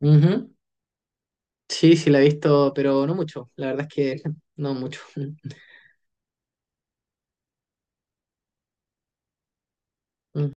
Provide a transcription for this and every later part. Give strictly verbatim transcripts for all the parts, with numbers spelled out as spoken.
Ujú. Sí, sí, la he visto, pero no mucho. La verdad es que no mucho. Mm.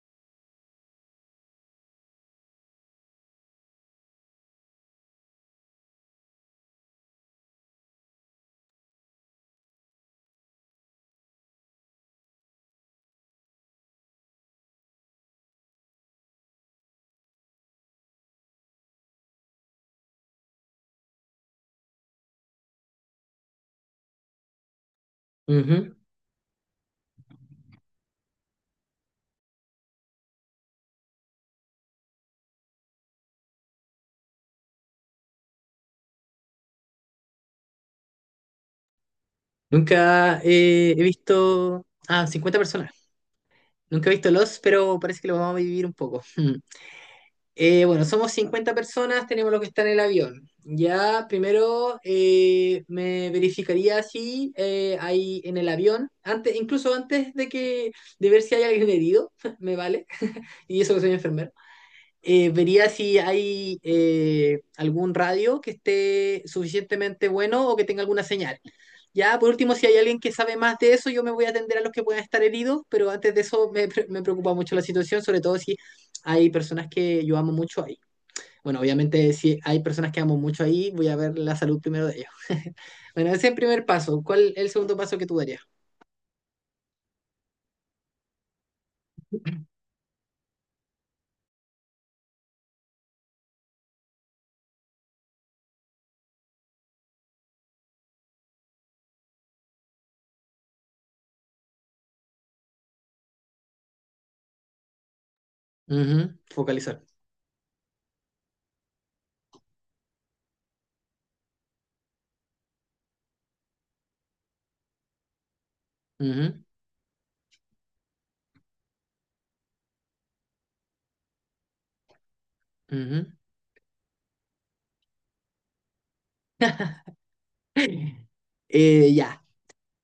Ujú. Nunca eh, he visto... Ah, cincuenta personas. Nunca he visto Los, pero parece que lo vamos a vivir un poco. Mm. Eh, bueno, somos cincuenta personas, tenemos los que están en el avión. Ya, primero eh, me verificaría si eh, hay en el avión, antes, incluso antes de que de ver si hay alguien herido, me vale, y eso que soy enfermero. Eh, vería si hay eh, algún radio que esté suficientemente bueno o que tenga alguna señal. Ya, por último, si hay alguien que sabe más de eso, yo me voy a atender a los que puedan estar heridos, pero antes de eso me, pre- me preocupa mucho la situación, sobre todo si hay personas que yo amo mucho ahí. Bueno, obviamente si hay personas que amo mucho ahí, voy a ver la salud primero de ellos. Bueno, ese es el primer paso. ¿Cuál es el segundo paso que tú darías? Ujú, focalizar. Ujú, ujú. Eh, ya.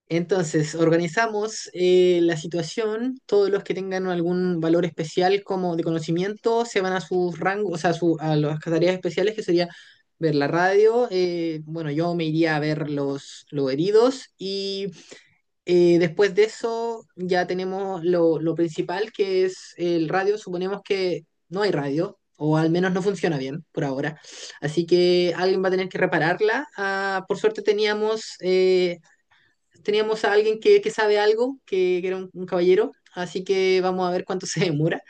Entonces, organizamos eh, la situación, todos los que tengan algún valor especial como de conocimiento se van a sus rangos, o sea, a su- a las tareas especiales que sería ver la radio, eh, bueno, yo me iría a ver los, los heridos y eh, después de eso ya tenemos lo, lo principal que es el radio, suponemos que no hay radio o al menos no funciona bien por ahora, así que alguien va a tener que repararla. Ah, por suerte teníamos... eh, teníamos a alguien que, que sabe algo, que, que era un, un caballero, así que vamos a ver cuánto se demora.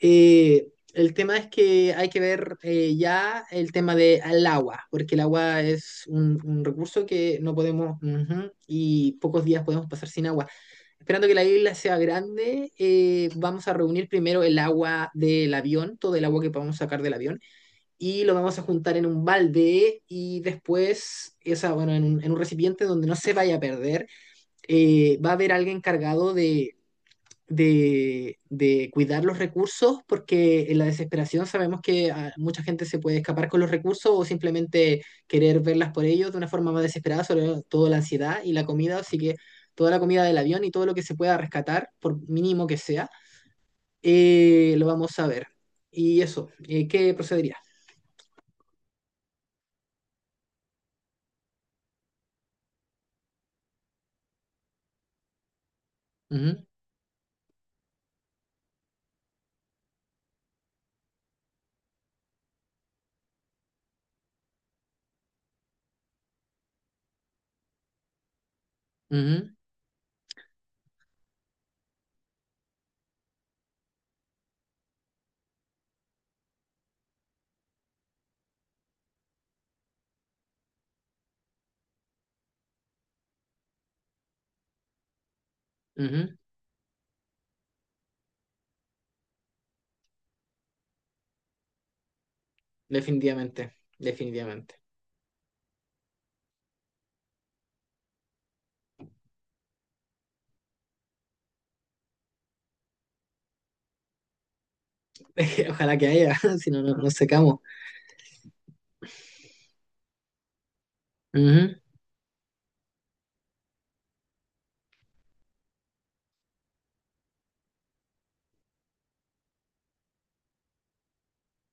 Eh, el tema es que hay que ver eh, ya el tema del agua, porque el agua es un, un recurso que no podemos, ujú, y pocos días podemos pasar sin agua. Esperando que la isla sea grande, eh, vamos a reunir primero el agua del avión, todo el agua que podamos sacar del avión, y lo vamos a juntar en un balde y después, o sea, bueno, en un, en un recipiente donde no se vaya a perder. Eh, va a haber alguien encargado de, de, de cuidar los recursos, porque en la desesperación sabemos que ah, mucha gente se puede escapar con los recursos o simplemente querer verlas por ellos de una forma más desesperada, sobre todo la ansiedad y la comida, así que toda la comida del avión y todo lo que se pueda rescatar, por mínimo que sea, eh, lo vamos a ver. Y eso, eh, ¿qué procedería? Ujú, ujú, ujú. Definitivamente, definitivamente. Ojalá que haya, si no, no nos secamos. Ujú.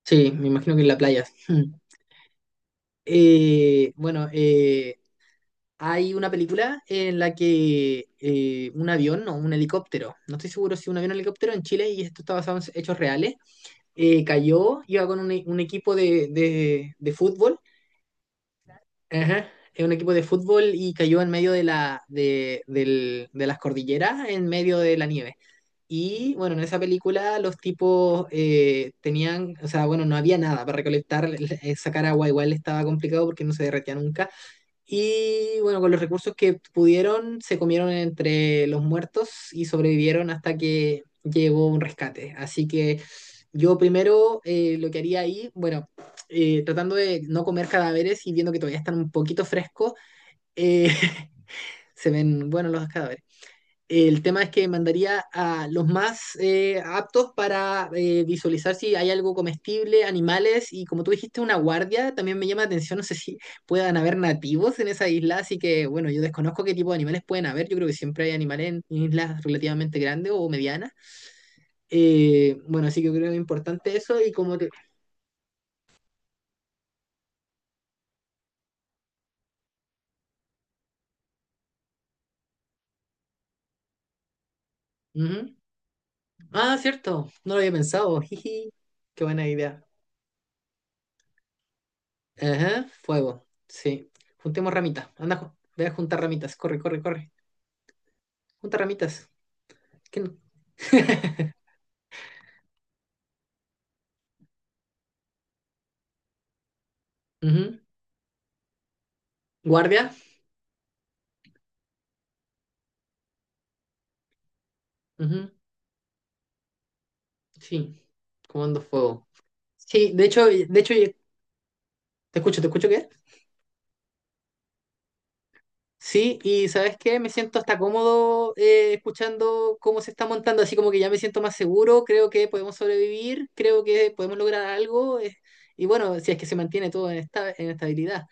Sí, me imagino que en la playa. Mm. Eh, bueno, eh, Hay una película en la que eh, un avión o un helicóptero, no estoy seguro si un avión o un helicóptero en Chile, y esto está basado en hechos reales, eh, cayó, iba con un, e- un equipo de, de- de fútbol, ajá, eh, un equipo de fútbol y cayó en medio de, la, de, del- de las cordilleras, en medio de la nieve. Y bueno, en esa película los tipos eh, tenían, o sea, bueno, no había nada para recolectar, sacar agua igual estaba complicado porque no se derretía nunca. Y bueno, con los recursos que pudieron, se comieron entre los muertos y sobrevivieron hasta que llegó un rescate. Así que yo primero eh, lo que haría ahí, bueno, eh, tratando de no comer cadáveres y viendo que todavía están un poquito frescos, eh, se ven buenos los cadáveres. El tema es que mandaría a los más eh, aptos para eh, visualizar si hay algo comestible, animales y como tú dijiste, una guardia. También me llama la atención, no sé si puedan haber nativos en esa isla, así que bueno, yo desconozco qué tipo de animales pueden haber. Yo creo que siempre hay animales en islas relativamente grandes o medianas. Eh, bueno, así que yo creo que es importante eso y como te... Ujú. Ah, cierto, no lo había pensado. Jiji, qué buena idea. Ajá, fuego, sí. Juntemos ramitas. Anda, ju- ve a juntar ramitas. Corre, corre, corre. Junta ramitas. ¿Qué no? Ujú. Guardia. Ujú. Sí. Comando fuego. Sí, de hecho, de hecho, te escucho, ¿te escucho qué? Sí, y ¿sabes qué? Me siento hasta cómodo eh, escuchando cómo se está montando, así como que ya me siento más seguro, creo que podemos sobrevivir, creo que podemos lograr algo, eh, y bueno, si es que se mantiene todo en, esta, en estabilidad.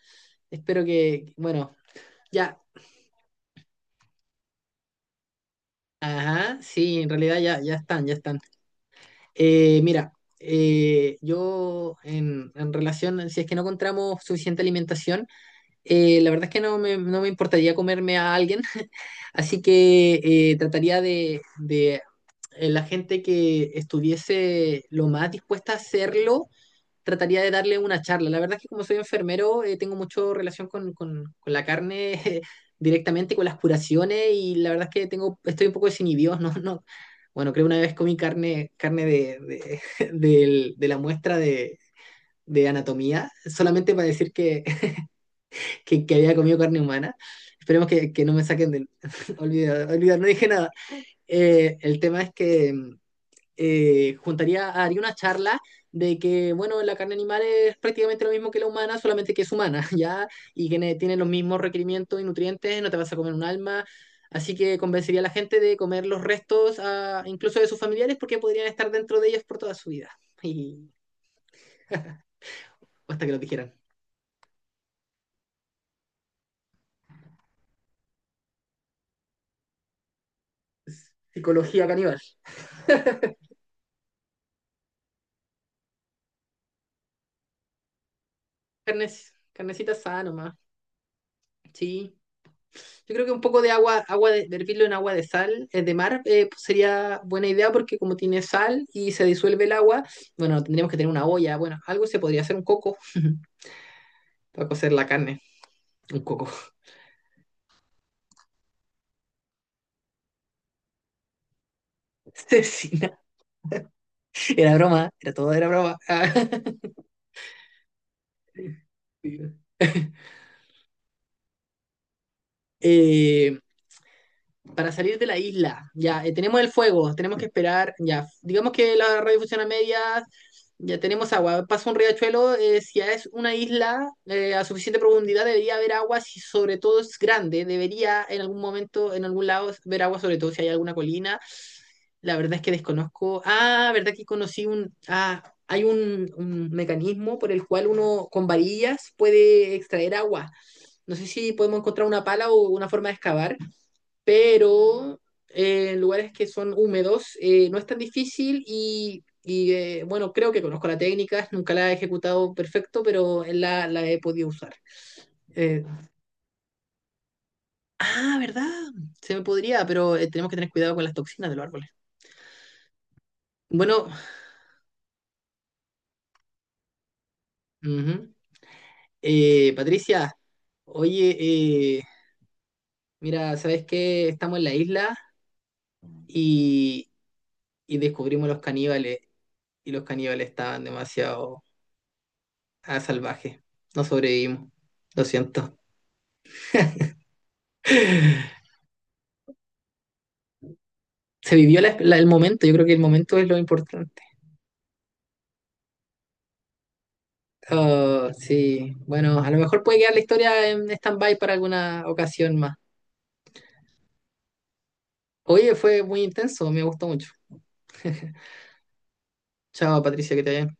Espero que, bueno, ya, ajá, sí, en realidad ya, ya están, ya están. Eh, mira, eh, yo en, en relación, si es que no encontramos suficiente alimentación, eh, la verdad es que no me, no me importaría comerme a alguien, así que eh, trataría de, de, eh, la gente que estuviese lo más dispuesta a hacerlo, trataría de darle una charla. La verdad es que como soy enfermero, eh, tengo mucho relación con, con- con la carne directamente, con las curaciones, y la verdad es que tengo, estoy un poco desinhibido, ¿no? no bueno, creo una vez comí carne, carne de, de, del- de la muestra de, de anatomía, solamente para decir que, que, que había comido carne humana. Esperemos que, que no me saquen del... Olvidar, olvidar, no dije nada. Eh, el tema es que eh, juntaría, haría una charla de que, bueno, la carne animal es prácticamente lo mismo que la humana, solamente que es humana, ¿ya? Y que ne- tiene los mismos requerimientos y nutrientes, no te vas a comer un alma. Así que convencería a la gente de comer los restos, ah, incluso de sus familiares, porque podrían estar dentro de ellos por toda su vida. Y o hasta que los dijeran. Psicología caníbal. Carnes, carnecita sana, nomás. Sí. Yo creo que un poco de agua, agua de, de hervirlo en agua de sal, eh, de mar, eh, pues sería buena idea porque como tiene sal y se disuelve el agua, bueno, tendríamos que tener una olla, bueno, algo se podría hacer un coco para cocer la carne, un coco. Cecina. Era broma, era todo, era broma. Eh, para salir de la isla. Ya, eh, tenemos el fuego, tenemos que esperar. Ya, digamos que la radio funciona a medias, ya tenemos agua. Pasa un riachuelo, eh, si ya es una isla eh, a suficiente profundidad, debería haber agua, si sobre todo es grande, debería en algún momento, en algún lado, ver agua, sobre todo si hay alguna colina. La verdad es que desconozco. Ah, verdad que conocí un. Ah, hay un, un mecanismo por el cual uno con varillas puede extraer agua. No sé si podemos encontrar una pala o una forma de excavar, pero eh, en lugares que son húmedos eh, no es tan difícil y, y, eh, bueno, creo que conozco la técnica, nunca la he ejecutado perfecto, pero la, la he podido usar. Eh, ah, ¿verdad? Se me podría, pero eh, tenemos que tener cuidado con las toxinas de los árboles. Bueno, ujú. Eh, Patricia, oye, eh, mira, ¿sabes qué? Estamos en la isla y, y descubrimos los caníbales y los caníbales estaban demasiado... Ah, salvaje. No sobrevivimos. Lo siento. Se vivió la- la- el momento, yo creo que el momento es lo importante. Oh, sí, bueno, a lo mejor puede quedar la historia en stand-by para alguna ocasión más. Oye, fue muy intenso, me gustó mucho. Chao, Patricia, que te vaya bien.